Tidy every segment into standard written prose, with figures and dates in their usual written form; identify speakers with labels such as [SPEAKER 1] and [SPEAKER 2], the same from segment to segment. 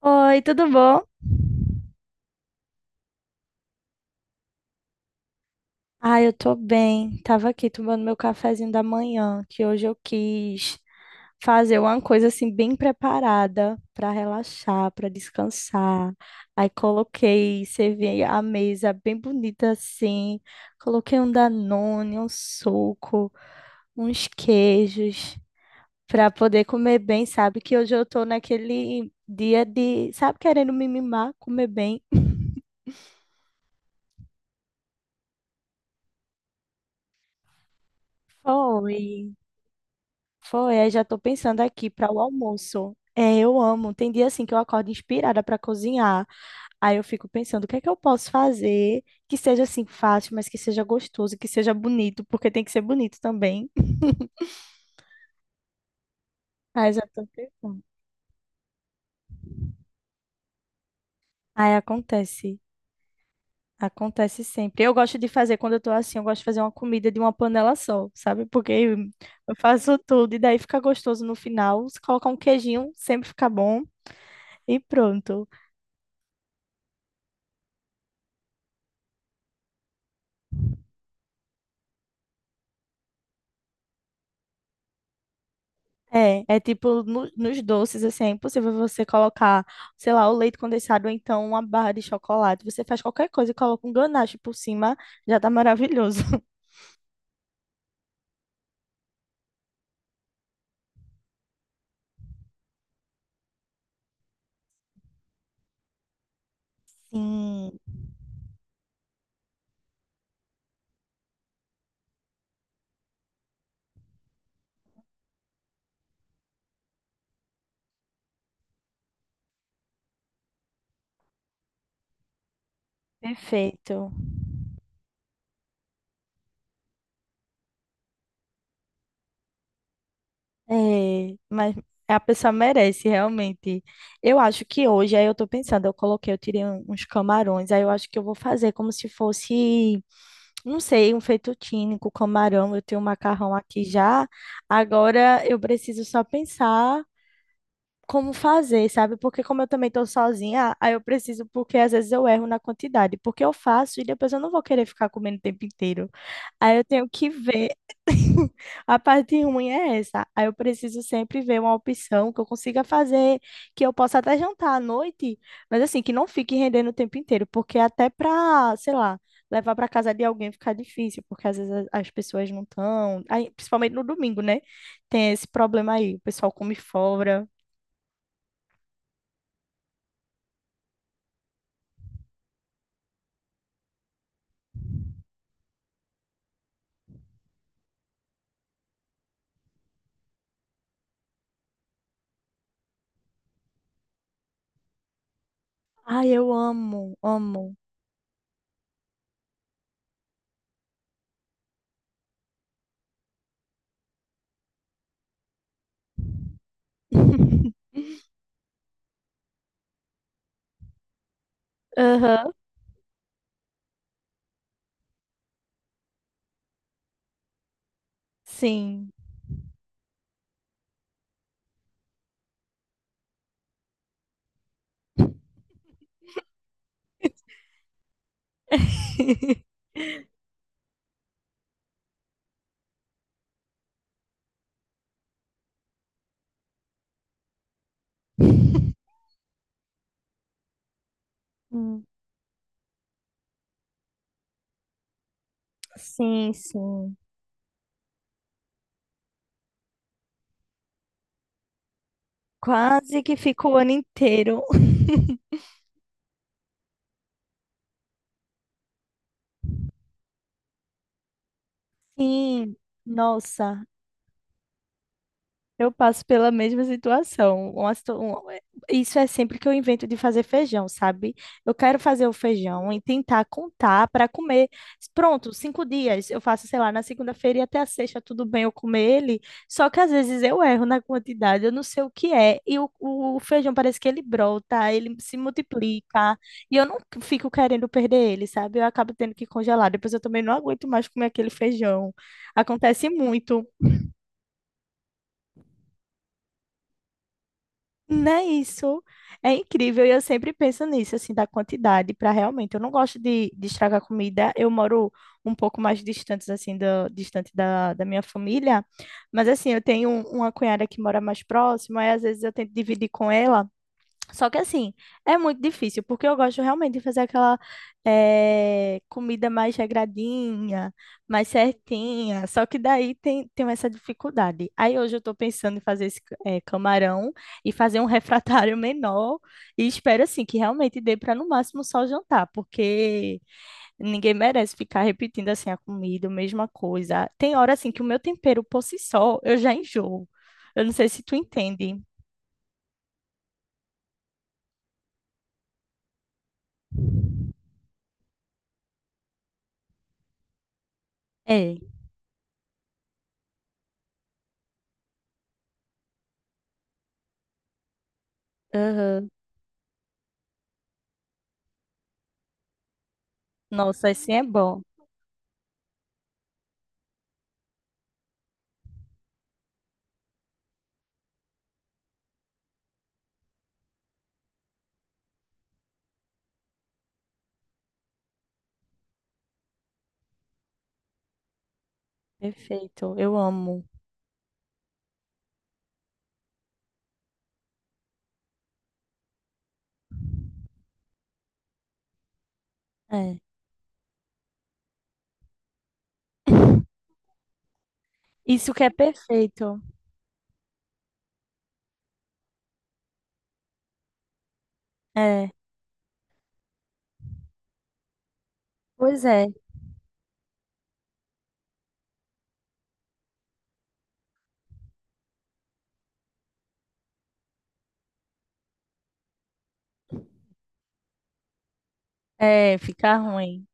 [SPEAKER 1] Oi, tudo bom? Ah, eu tô bem. Tava aqui tomando meu cafezinho da manhã, que hoje eu quis fazer uma coisa assim bem preparada pra relaxar, pra descansar. Aí coloquei, servi a mesa bem bonita assim. Coloquei um Danone, um suco, uns queijos pra poder comer bem, sabe? Que hoje eu tô naquele dia de, sabe, querendo me mimar, comer bem. Foi. Foi, aí já tô pensando aqui para o almoço. É, eu amo. Tem dia assim que eu acordo inspirada para cozinhar. Aí eu fico pensando, o que é que eu posso fazer que seja assim fácil, mas que seja gostoso, que seja bonito, porque tem que ser bonito também. Aí já tô pensando. Aí acontece. Acontece sempre. Eu gosto de fazer quando eu tô assim, eu gosto de fazer uma comida de uma panela só, sabe? Porque eu faço tudo e daí fica gostoso no final. Se colocar um queijinho, sempre fica bom e pronto. É, é tipo nos doces, assim, é impossível você colocar, sei lá, o leite condensado ou então uma barra de chocolate. Você faz qualquer coisa e coloca um ganache por cima, já tá maravilhoso. Sim, perfeito. É, mas a pessoa merece, realmente. Eu acho que hoje, aí eu tô pensando, eu coloquei, eu tirei uns camarões, aí eu acho que eu vou fazer como se fosse, não sei, um fettuccine com camarão. Eu tenho um macarrão aqui já. Agora eu preciso só pensar. Como fazer, sabe? Porque como eu também tô sozinha, aí eu preciso, porque às vezes eu erro na quantidade, porque eu faço e depois eu não vou querer ficar comendo o tempo inteiro. Aí eu tenho que ver. A parte ruim é essa. Aí eu preciso sempre ver uma opção que eu consiga fazer, que eu possa até jantar à noite, mas assim, que não fique rendendo o tempo inteiro, porque até pra, sei lá, levar pra casa de alguém fica difícil, porque às vezes as pessoas não estão, principalmente no domingo, né? Tem esse problema aí, o pessoal come fora. Ai, eu amo, amo. Aham. Sim. Hum. Sim, sim. Quase que fico o ano inteiro. Sim, nossa. Eu passo pela mesma situação. Uma situa- um- é- Isso é sempre que eu invento de fazer feijão, sabe? Eu quero fazer o feijão e tentar contar para comer. Pronto, 5 dias. Eu faço, sei lá, na segunda-feira e até a sexta, tudo bem eu comer ele. Só que às vezes eu erro na quantidade, eu não sei o que é. E o feijão parece que ele brota, ele se multiplica. E eu não fico querendo perder ele, sabe? Eu acabo tendo que congelar. Depois eu também não aguento mais comer aquele feijão. Acontece muito. Não é isso. É incrível e eu sempre penso nisso, assim, da quantidade para realmente. Eu não gosto de estragar comida. Eu moro um pouco mais distante, assim, distante da minha família. Mas, assim, eu tenho uma cunhada que mora mais próxima e às vezes eu tento dividir com ela. Só que assim, é muito difícil, porque eu gosto realmente de fazer aquela comida mais regradinha, mais certinha. Só que daí tem, tem essa dificuldade. Aí hoje eu tô pensando em fazer esse camarão e fazer um refratário menor. E espero assim que realmente dê para no máximo só jantar, porque ninguém merece ficar repetindo assim a comida, a mesma coisa. Tem hora assim que o meu tempero por si só eu já enjoo. Eu não sei se tu entende. É. Aham. Nossa, assim é bom. Perfeito. Eu amo. É. Isso que é perfeito. É. Pois é. É, fica ruim.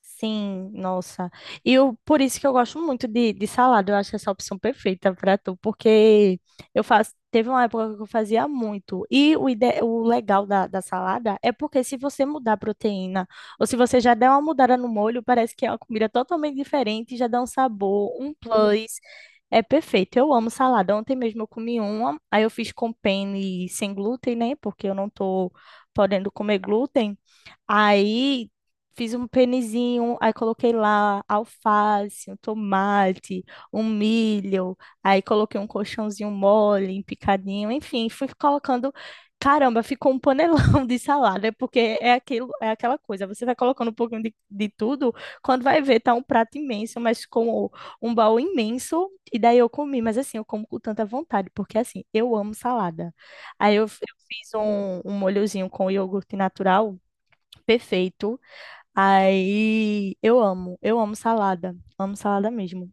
[SPEAKER 1] Sim, nossa. E eu, por isso que eu gosto muito de salada. Eu acho essa opção perfeita para tu, porque eu faço. Teve uma época que eu fazia muito. E o legal da salada é porque se você mudar a proteína, ou se você já der uma mudada no molho, parece que é uma comida totalmente diferente, já dá um sabor, um plus. É perfeito. Eu amo salada. Ontem mesmo eu comi uma, aí eu fiz com penne sem glúten, né? Porque eu não tô podendo comer glúten. Aí fiz um penizinho, aí coloquei lá alface, um tomate, um milho, aí coloquei um colchãozinho mole, um picadinho, enfim, fui colocando. Caramba, ficou um panelão de salada, porque é aquilo, é aquela coisa. Você vai colocando um pouquinho de tudo, quando vai ver, tá um prato imenso, mas com um baú imenso. E daí eu comi, mas assim, eu como com tanta vontade, porque assim, eu amo salada. Aí eu fiz um molhozinho com iogurte natural perfeito. Aí eu amo salada mesmo.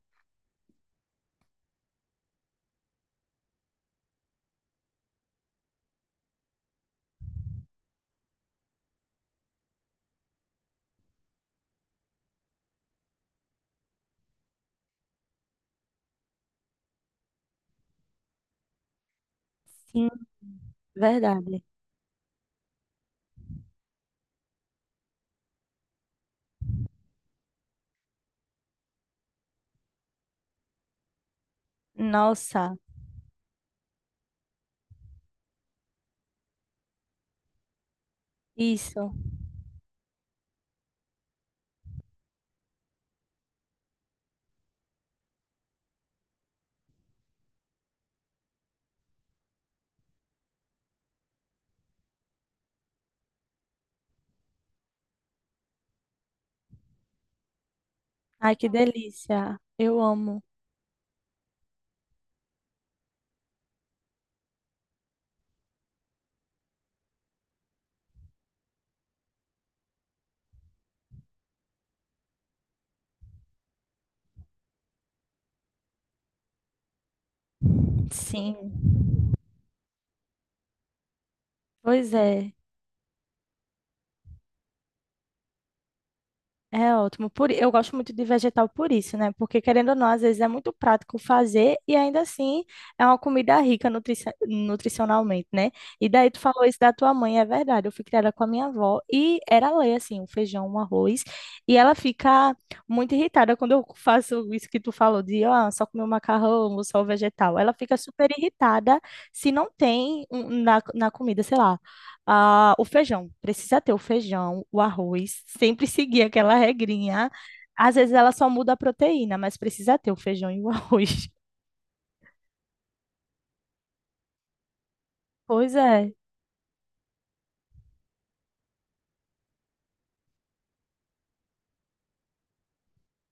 [SPEAKER 1] Sim, verdade. Nossa, isso. Ai, que delícia. Eu amo. Sim, pois é. É ótimo. Por, eu gosto muito de vegetal por isso, né? Porque, querendo ou não, às vezes é muito prático fazer e ainda assim é uma comida rica nutrici- nutricionalmente, né? E daí tu falou isso da tua mãe, é verdade. Eu fui criada com a minha avó e era lei, assim, um feijão, um arroz. E ela fica muito irritada quando eu faço isso que tu falou de, ó, só comer o macarrão ou só o vegetal. Ela fica super irritada se não tem na comida, sei lá ah, o feijão. Precisa ter o feijão, o arroz, sempre seguir aquela regrinha. Às vezes ela só muda a proteína, mas precisa ter o feijão e o arroz. Pois é,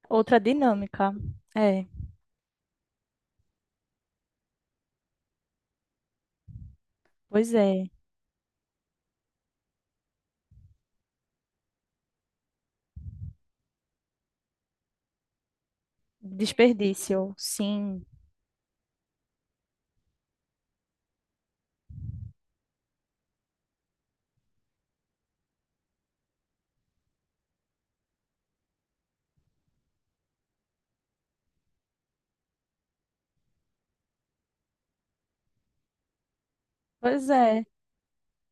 [SPEAKER 1] outra dinâmica. É, pois é. Desperdício, sim. Pois é.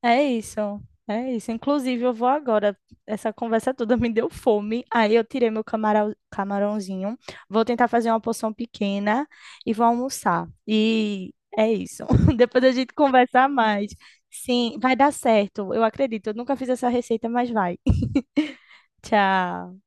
[SPEAKER 1] É isso, é isso. Inclusive, eu vou agora. Essa conversa toda me deu fome. Aí eu tirei meu camarão, camarãozinho. Vou tentar fazer uma porção pequena e vou almoçar. E é isso. Depois a gente conversa mais. Sim, vai dar certo. Eu acredito. Eu nunca fiz essa receita, mas vai. Tchau.